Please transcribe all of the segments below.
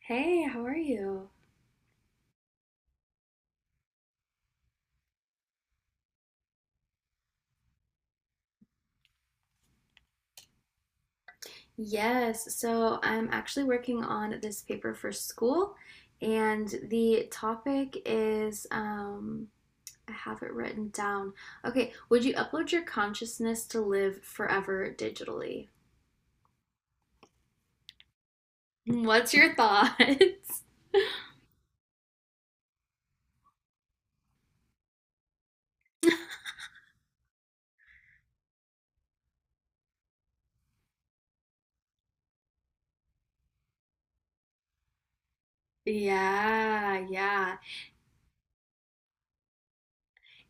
Hey, how are you? Yes, so I'm actually working on this paper for school, and the topic is I have it written down. Okay, would you upload your consciousness to live forever digitally? Mm, what's your thoughts? Yeah, yeah.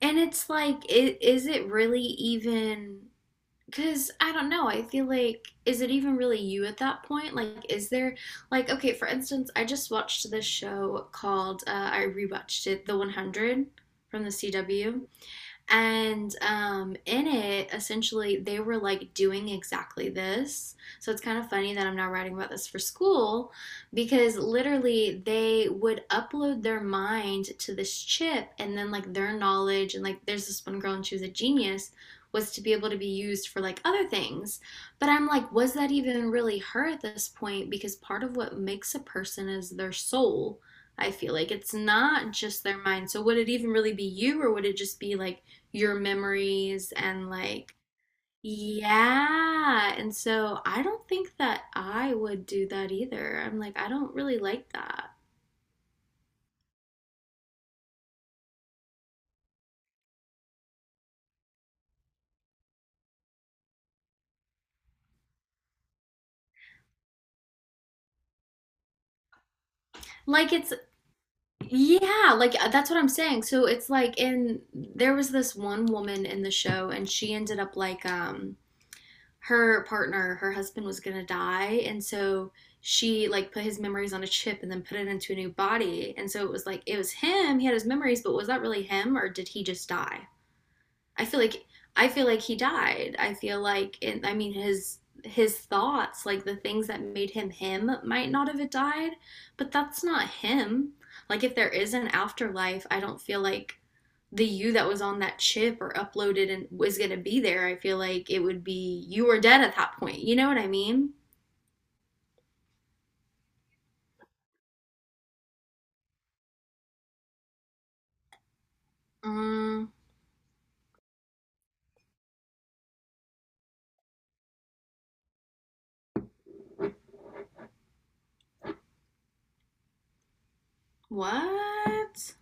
And it's like, is it really even? Because I don't know, I feel like, is it even really you at that point? Like, is there, like, okay, for instance, I just watched this show called, I rewatched it, The 100 from the CW. And in it, essentially, they were like doing exactly this. So it's kind of funny that I'm now writing about this for school because literally they would upload their mind to this chip and then like their knowledge. And like there's this one girl and she was a genius was to be able to be used for like other things. But I'm like, was that even really her at this point? Because part of what makes a person is their soul. I feel like it's not just their mind. So would it even really be you, or would it just be like your memories and like, yeah. And so I don't think that I would do that either. I'm like, I don't really like that. Like it's yeah, like that's what I'm saying. So it's like in there was this one woman in the show and she ended up like her partner, her husband was gonna die and so she like put his memories on a chip and then put it into a new body. And so it was like it was him, he had his memories, but was that really him or did he just die? I feel like I feel like he died. I feel like it, I mean his thoughts, like the things that made him him might not have died, but that's not him. Like if there is an afterlife, I don't feel like the you that was on that chip or uploaded and was going to be there. I feel like it would be you were dead at that point. You know what I mean? Mm, what?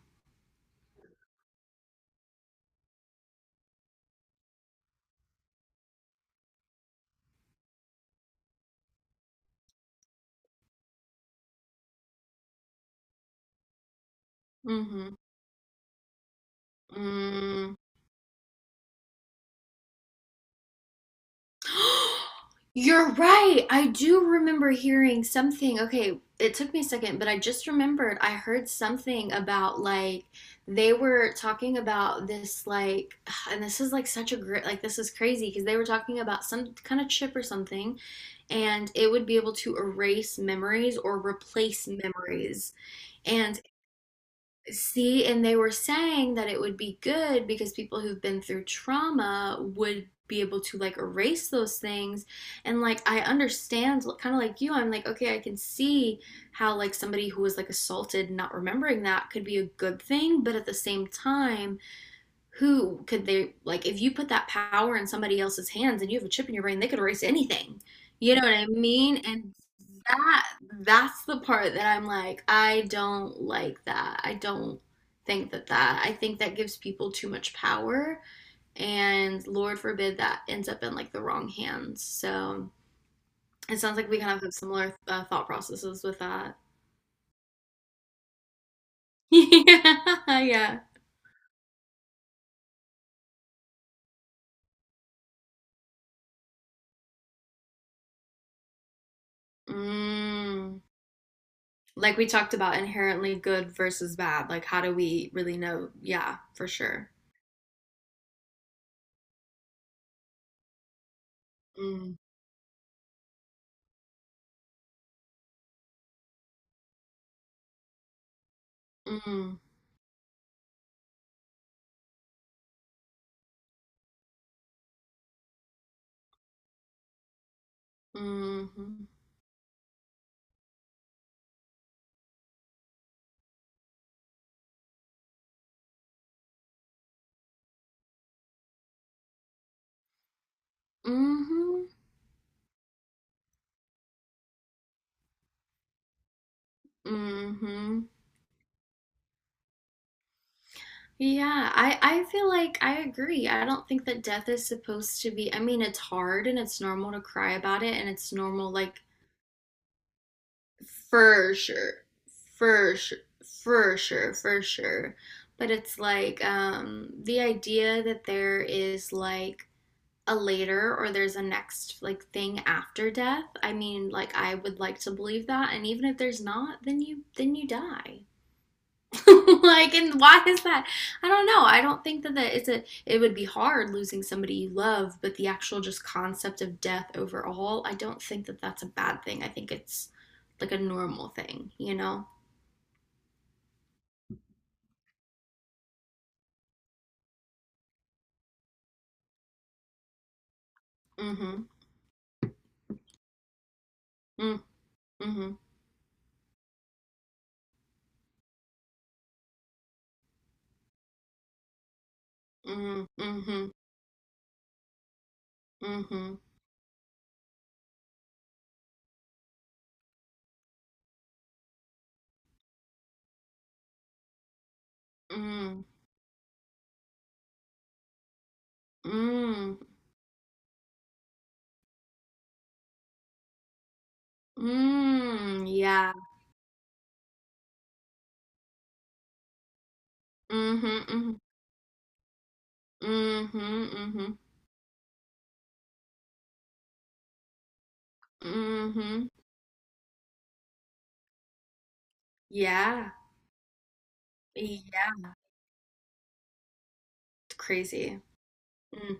Mhm. Mm. You're right. I do remember hearing something. Okay, it took me a second, but I just remembered I heard something about like they were talking about this like and this is like such a great like this is crazy because they were talking about some kind of chip or something and it would be able to erase memories or replace memories. And see, and they were saying that it would be good because people who've been through trauma would be able to like erase those things. And like, I understand, kind of like you, I'm like, okay, I can see how like somebody who was like assaulted not remembering that could be a good thing, but at the same time, who could they like if you put that power in somebody else's hands and you have a chip in your brain they could erase anything you know what I mean and that that's the part that I'm like I don't like that I don't think that I think that gives people too much power and lord forbid that ends up in like the wrong hands so it sounds like we kind of have similar thought processes with that yeah, yeah. Mm. Like we talked about inherently good versus bad. Like, how do we really know? Yeah, for sure. Mm, mm, mm-hmm, mm-hmm, mm-hmm. Yeah, I feel like I agree. I don't think that death is supposed to be, I mean, it's hard and it's normal to cry about it, and it's normal, like, for sure, for sure, for sure, for sure. But it's like, the idea that there is like, a later or there's a next like thing after death. I mean, like I would like to believe that and even if there's not, then you die. Like and why is that? I don't know. I don't think that it's a it would be hard losing somebody you love, but the actual just concept of death overall, I don't think that that's a bad thing. I think it's like a normal thing, you know? Mhm. Mm mhm. Mm mhm. Mhm. Mm. Mm. Mm. Yeah. Mhm. Mhm. Mhm, mhm, mhm. Yeah, yeah, it's crazy. Mm.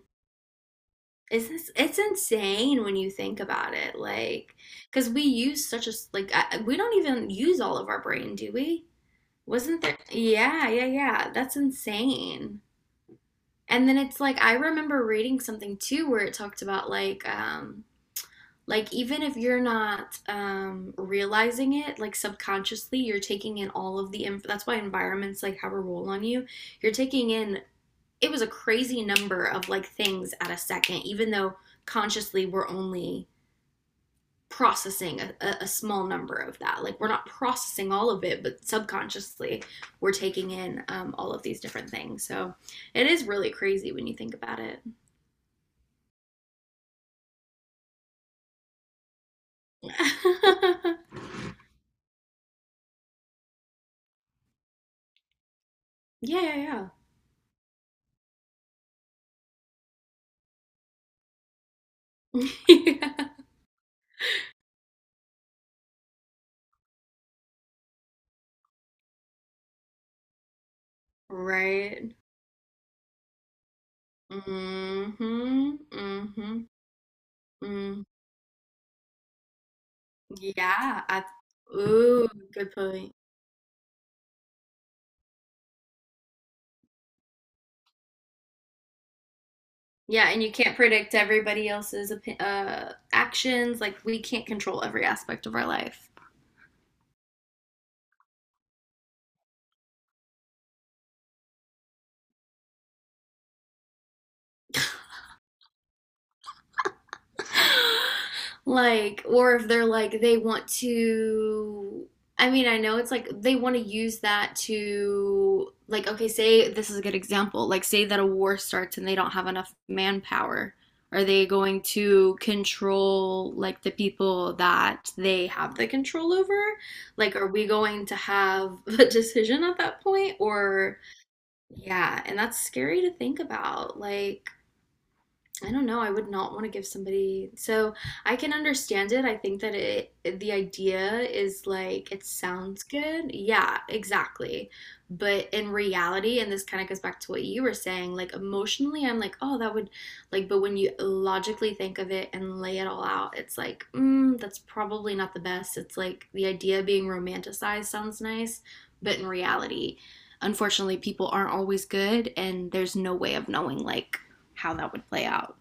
It's insane when you think about it, like, because we use such a like we don't even use all of our brain, do we? Wasn't there? Yeah, yeah, yeah. That's insane. And then it's like I remember reading something too where it talked about like. Like, even if you're not realizing it, like subconsciously, you're taking in all of the that's why environments like have a role on you. You're taking in it was a crazy number of like things at a second, even though consciously we're only processing a small number of that. Like we're not processing all of it, but subconsciously we're taking in all of these different things. So it is really crazy when you think about it. Yeah, yeah, yeah. Yeah. Right. Mm, mhm, mm mhm, mm. Yeah, I ooh, good point. Yeah, and you can't predict everybody else's actions. Like we can't control every aspect of our life. Like, or if they're like, they want to, I mean, I know it's like they want to use that to, like, okay, say this is a good example. Like, say that a war starts and they don't have enough manpower. Are they going to control, like, the people that they have the control over? Like, are we going to have a decision at that point? Or, yeah, and that's scary to think about. Like, I don't know. I would not want to give somebody. So I can understand it. I think that it, the idea is like it sounds good. Yeah, exactly. But in reality, and this kind of goes back to what you were saying, like emotionally, I'm like, oh, that would like, but when you logically think of it and lay it all out, it's like, mm, that's probably not the best. It's like the idea of being romanticized sounds nice, but in reality, unfortunately, people aren't always good, and there's no way of knowing like how that would play out.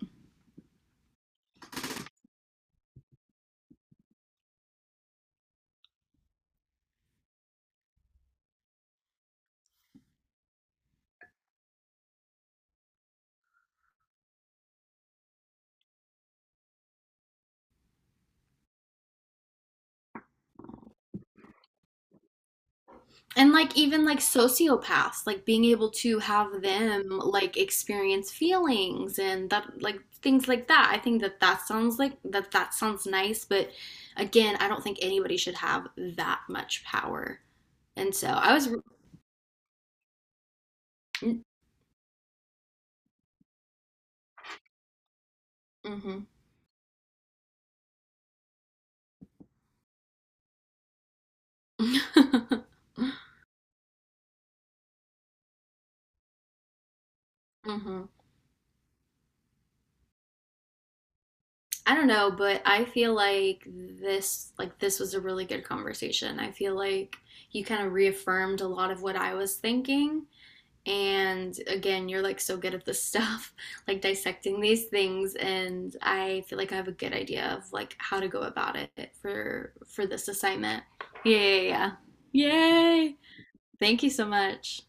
And like even like sociopaths, like being able to have them like experience feelings and that like things like that. I think that that sounds like that sounds nice, but again, I don't think anybody should have that much power. And so I was mm-hmm. Hmm. I don't know, but I feel like this was a really good conversation. I feel like you kind of reaffirmed a lot of what I was thinking. And again, you're like so good at this stuff, like dissecting these things, and I feel like I have a good idea of like how to go about it for this assignment. Yeah, yeah, yeah. Yay! Thank you so much.